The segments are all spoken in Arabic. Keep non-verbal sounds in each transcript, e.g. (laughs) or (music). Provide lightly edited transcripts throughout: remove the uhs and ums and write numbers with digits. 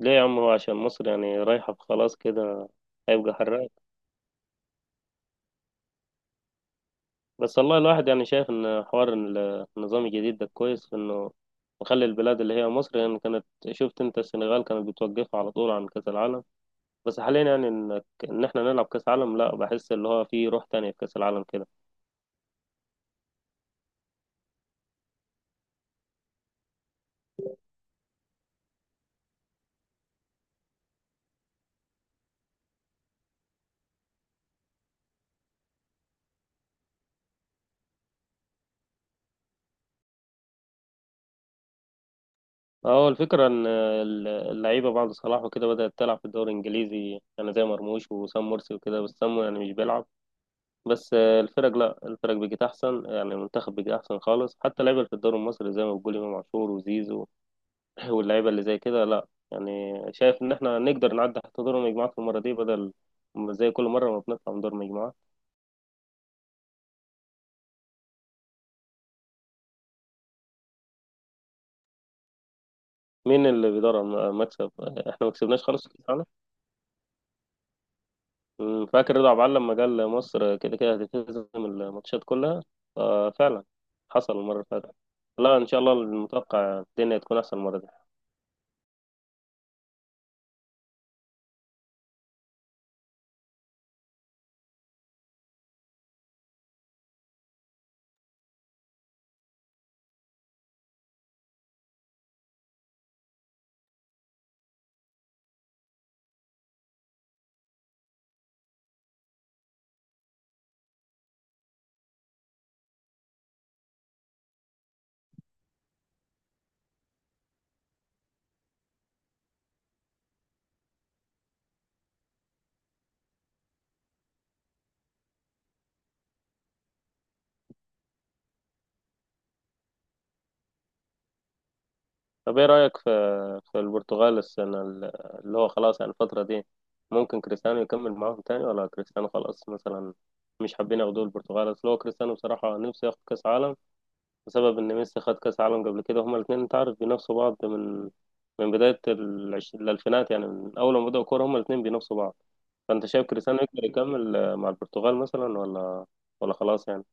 ليه يا عم؟ هو عشان مصر يعني رايحة خلاص كده؟ هيبقى حراك. بس والله الواحد يعني شايف ان حوار النظام الجديد ده كويس في انه مخلي البلاد اللي هي مصر يعني كانت. شفت انت؟ السنغال كانت بتوقفها على طول عن كأس العالم. بس حاليا يعني ان احنا نلعب كأس عالم، لا، بحس اللي هو فيه روح تانية في كأس العالم كده. هو الفكرة ان اللعيبة بعد صلاح وكده بدأت تلعب في الدوري الانجليزي، يعني زي مرموش وسام مرسي وكده، بس سام يعني مش بيلعب. بس الفرق، لا، الفرق بقت احسن، يعني المنتخب بقى احسن خالص، حتى لعيبه في الدوري المصري زي ما بقول امام عاشور وزيزو. (clears throat) (laughs) واللعيبه اللي زي كده، لا يعني شايف ان احنا نقدر نعدي حتى دور المجموعات في المره دي، بدل ما زي كل مره ما بنطلع من دور المجموعات. مين اللي بيدور على المكسب؟ (clears throat) احنا ما كسبناش خالص في كأس العالم. فاكر رضا عبد العال لما قال مصر كده كده هتلتزم الماتشات كلها؟ آه، فعلا حصل المره اللي فاتت. لا، ان شاء الله المتوقع الدنيا تكون احسن المره دي. طب ايه رأيك في البرتغال السنة اللي هو خلاص يعني الفترة دي؟ ممكن كريستيانو يكمل معاهم تاني، ولا كريستيانو خلاص مثلا مش حابين ياخدوه البرتغال؟ اصل هو كريستيانو بصراحة نفسه ياخد كأس عالم، بسبب ان ميسي خد كأس عالم قبل كده. هما الاتنين انت عارف بينافسوا بعض من بداية الألفينات، يعني من أول ما بدأوا كورة هما الاتنين بينافسوا بعض. فأنت شايف كريستيانو يقدر يكمل مع البرتغال مثلا، ولا خلاص يعني؟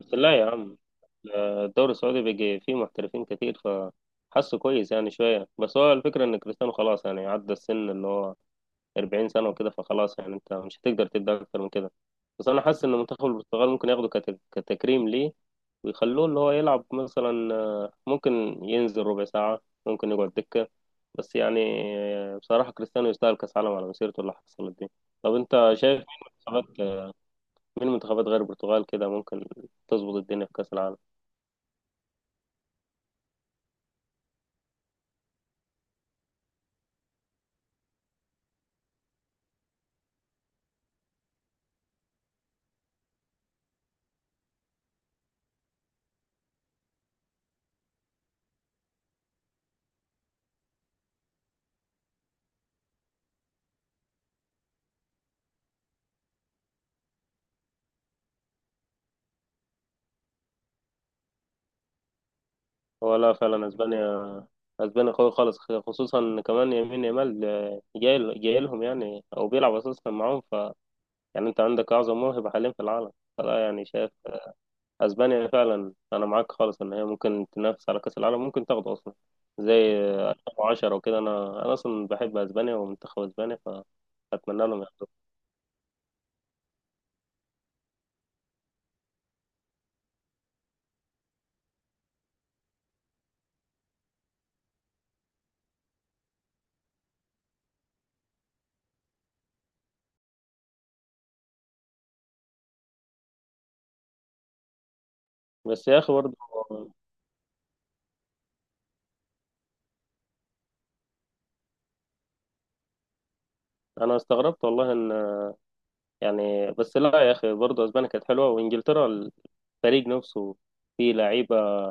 بس لا يا عم، الدوري السعودي بيجي فيه محترفين كتير فحسه كويس يعني شوية. بس هو الفكرة إن كريستيانو خلاص يعني عدى السن اللي هو 40 سنة وكده، فخلاص يعني أنت مش هتقدر تدي أكتر من كده. بس أنا حاسس إن منتخب البرتغال ممكن ياخده كتكريم ليه، ويخلوه اللي هو يلعب مثلا، ممكن ينزل ربع ساعة، ممكن يقعد دكة، بس يعني بصراحة كريستيانو يستاهل كأس عالم على مسيرته اللي حصلت دي. طب أنت شايف مين المنتخبات، مين منتخبات غير البرتغال كده ممكن تظبط الدنيا في كأس العالم؟ هو لا فعلا، اسبانيا. اسبانيا قوي خالص، خصوصا ان كمان يمين يامال جاي جاي لهم يعني، او بيلعب اساسا معاهم ف، يعني انت عندك اعظم موهبة حاليا في العالم. فلا يعني شايف اسبانيا فعلا، انا معاك خالص ان هي ممكن تنافس على كأس العالم، ممكن تاخده اصلا زي 2010 وكده. انا اصلا بحب اسبانيا ومنتخب اسبانيا، فاتمنى لهم ياخدوه. بس يا اخي برضه، انا استغربت والله ان يعني، بس لا يا اخي برضه، اسبانيا كانت حلوه وانجلترا الفريق نفسه فيه لعيبه.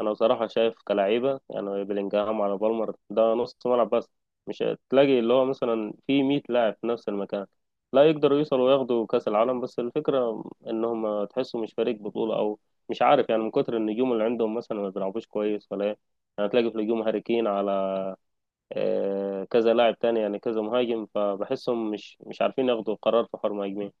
انا بصراحه شايف كلعيبه، يعني بلينجهام على بالمر ده نص ملعب بس، مش تلاقي اللي هو مثلا في 100 لاعب في نفس المكان. لا، يقدروا يوصلوا وياخدوا كاس العالم، بس الفكره انهم تحسوا مش فريق بطوله، او مش عارف يعني، من كتر النجوم اللي عندهم مثلا ما بيلعبوش كويس ولا ايه؟ يعني تلاقي في الهجوم هاري كين على كذا لاعب تاني، يعني كذا مهاجم، فبحسهم مش عارفين ياخدوا قرار في حوار مهاجمين.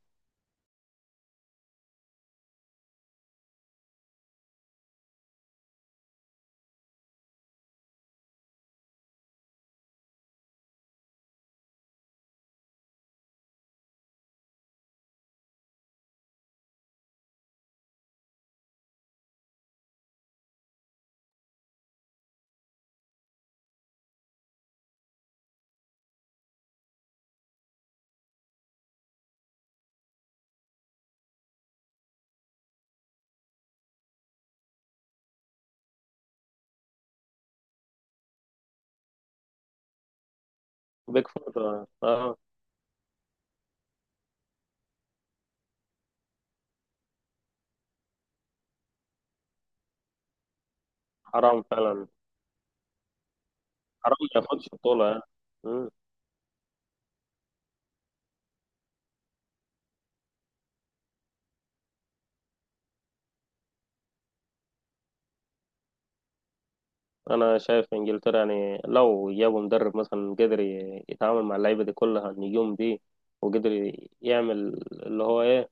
بيك فوت، اه، حرام فعلا، حرام ما ياخدش بطولة يعني. مم. انا شايف انجلترا يعني، لو جابوا مدرب مثلا قدر يتعامل مع اللعيبة دي كلها، النجوم دي، وقدر يعمل اللي هو ايه،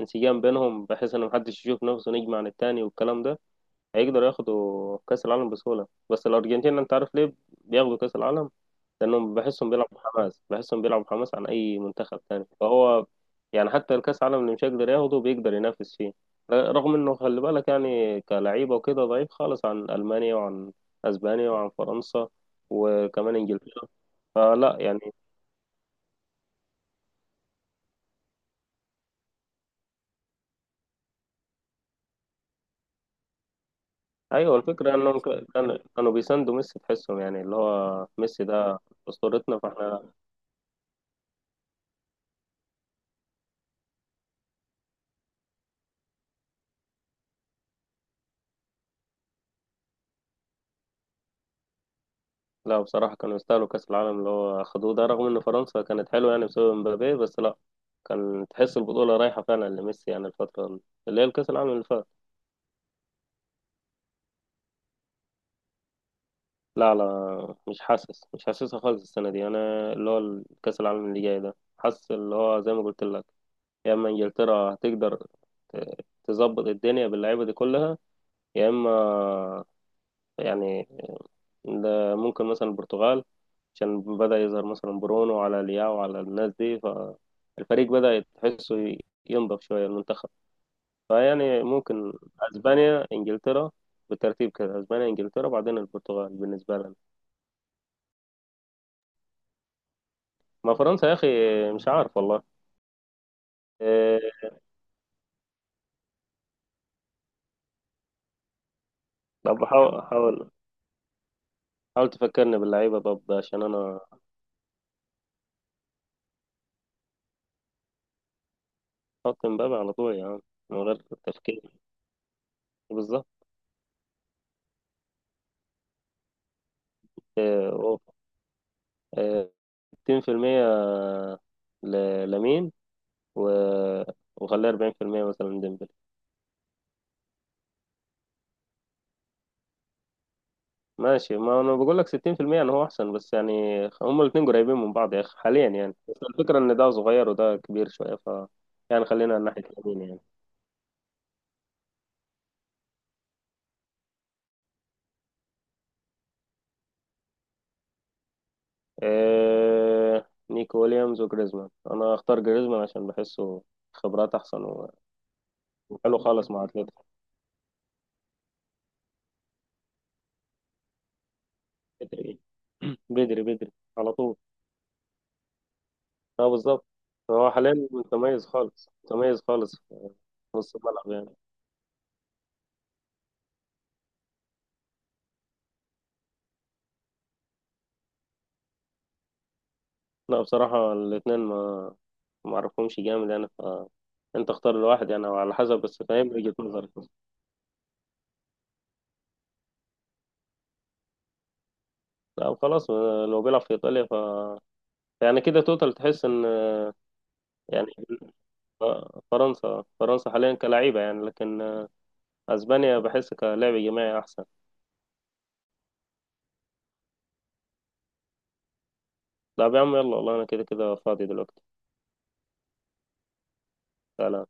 انسجام بينهم، بحيث ان محدش يشوف نفسه نجم عن التاني والكلام ده، هيقدروا ياخدوا كأس العالم بسهولة. بس الارجنتين انت عارف ليه بياخدوا كأس العالم؟ لانهم بحسهم بيلعبوا حماس، بحسهم بيلعبوا حماس عن اي منتخب تاني، فهو يعني حتى الكاس العالم اللي مش هيقدر ياخده بيقدر ينافس فيه، رغم انه خلي بالك يعني كلعيبه وكده ضعيف خالص عن المانيا، وعن اسبانيا، وعن فرنسا، وكمان انجلترا، فلا يعني. ايوه، الفكره انهم كانوا بيساندوا ميسي، تحسهم يعني اللي هو ميسي ده اسطورتنا فاحنا. لا بصراحة كانوا يستاهلوا كأس العالم اللي هو أخدوه ده، رغم إن فرنسا كانت حلوة يعني بسبب مبابي، بس لا، كان تحس البطولة رايحة فعلا لميسي، يعني الفترة اللي هي الكأس العالم اللي فات. لا لا، مش حاسس، مش حاسسها خالص السنة دي أنا. اللي هو كأس العالم اللي جاي ده حاسس اللي هو زي ما قلت لك، يا إما إنجلترا هتقدر تظبط الدنيا باللعيبة دي كلها، يا إما يعني، ده ممكن مثلا البرتغال، عشان بدأ يظهر مثلا برونو على لياو على الناس دي، فالفريق بدأ تحسه ينضف شوية المنتخب. فيعني ممكن أسبانيا، إنجلترا، بالترتيب كده: أسبانيا، إنجلترا، بعدين البرتغال بالنسبة لنا. ما فرنسا يا أخي مش عارف والله. إيه؟ طب حاول حاول حاول تفكرني باللعيبة، طب عشان أنا. حط مبابي على طول يعني من غير تفكير. بالظبط. إيه إيه، 60% لمين و... وخليه 40% مثلا ديمبلي؟ ماشي، ما انا بقول لك 60% ان هو احسن، بس يعني هما الاثنين قريبين من بعض يا اخي حاليا يعني، بس الفكره ان ده صغير وده كبير شويه ف، يعني خلينا على ناحيه اليمين يعني. نيكو ويليامز وجريزمان، انا اختار جريزمان عشان بحسه خبرات احسن، وحلو خالص مع اتلتيكو. بدري، بدري، بدري، على طول. اه بالظبط، هو حاليا متميز خالص، متميز خالص في نص الملعب يعني. لا بصراحه الاثنين ما اعرفهمش جامد يعني ف، انت اختار الواحد يعني، او على حسب، بس فاهم وجهة نظرك. او خلاص، لو بيلعب في ايطاليا ف، يعني كده توتال تحس ان يعني، فرنسا، فرنسا حاليا كلعيبه يعني، لكن اسبانيا بحس كلعب جماعي احسن. طب يا عم، يلا والله انا كده كده فاضي دلوقتي. تعالى.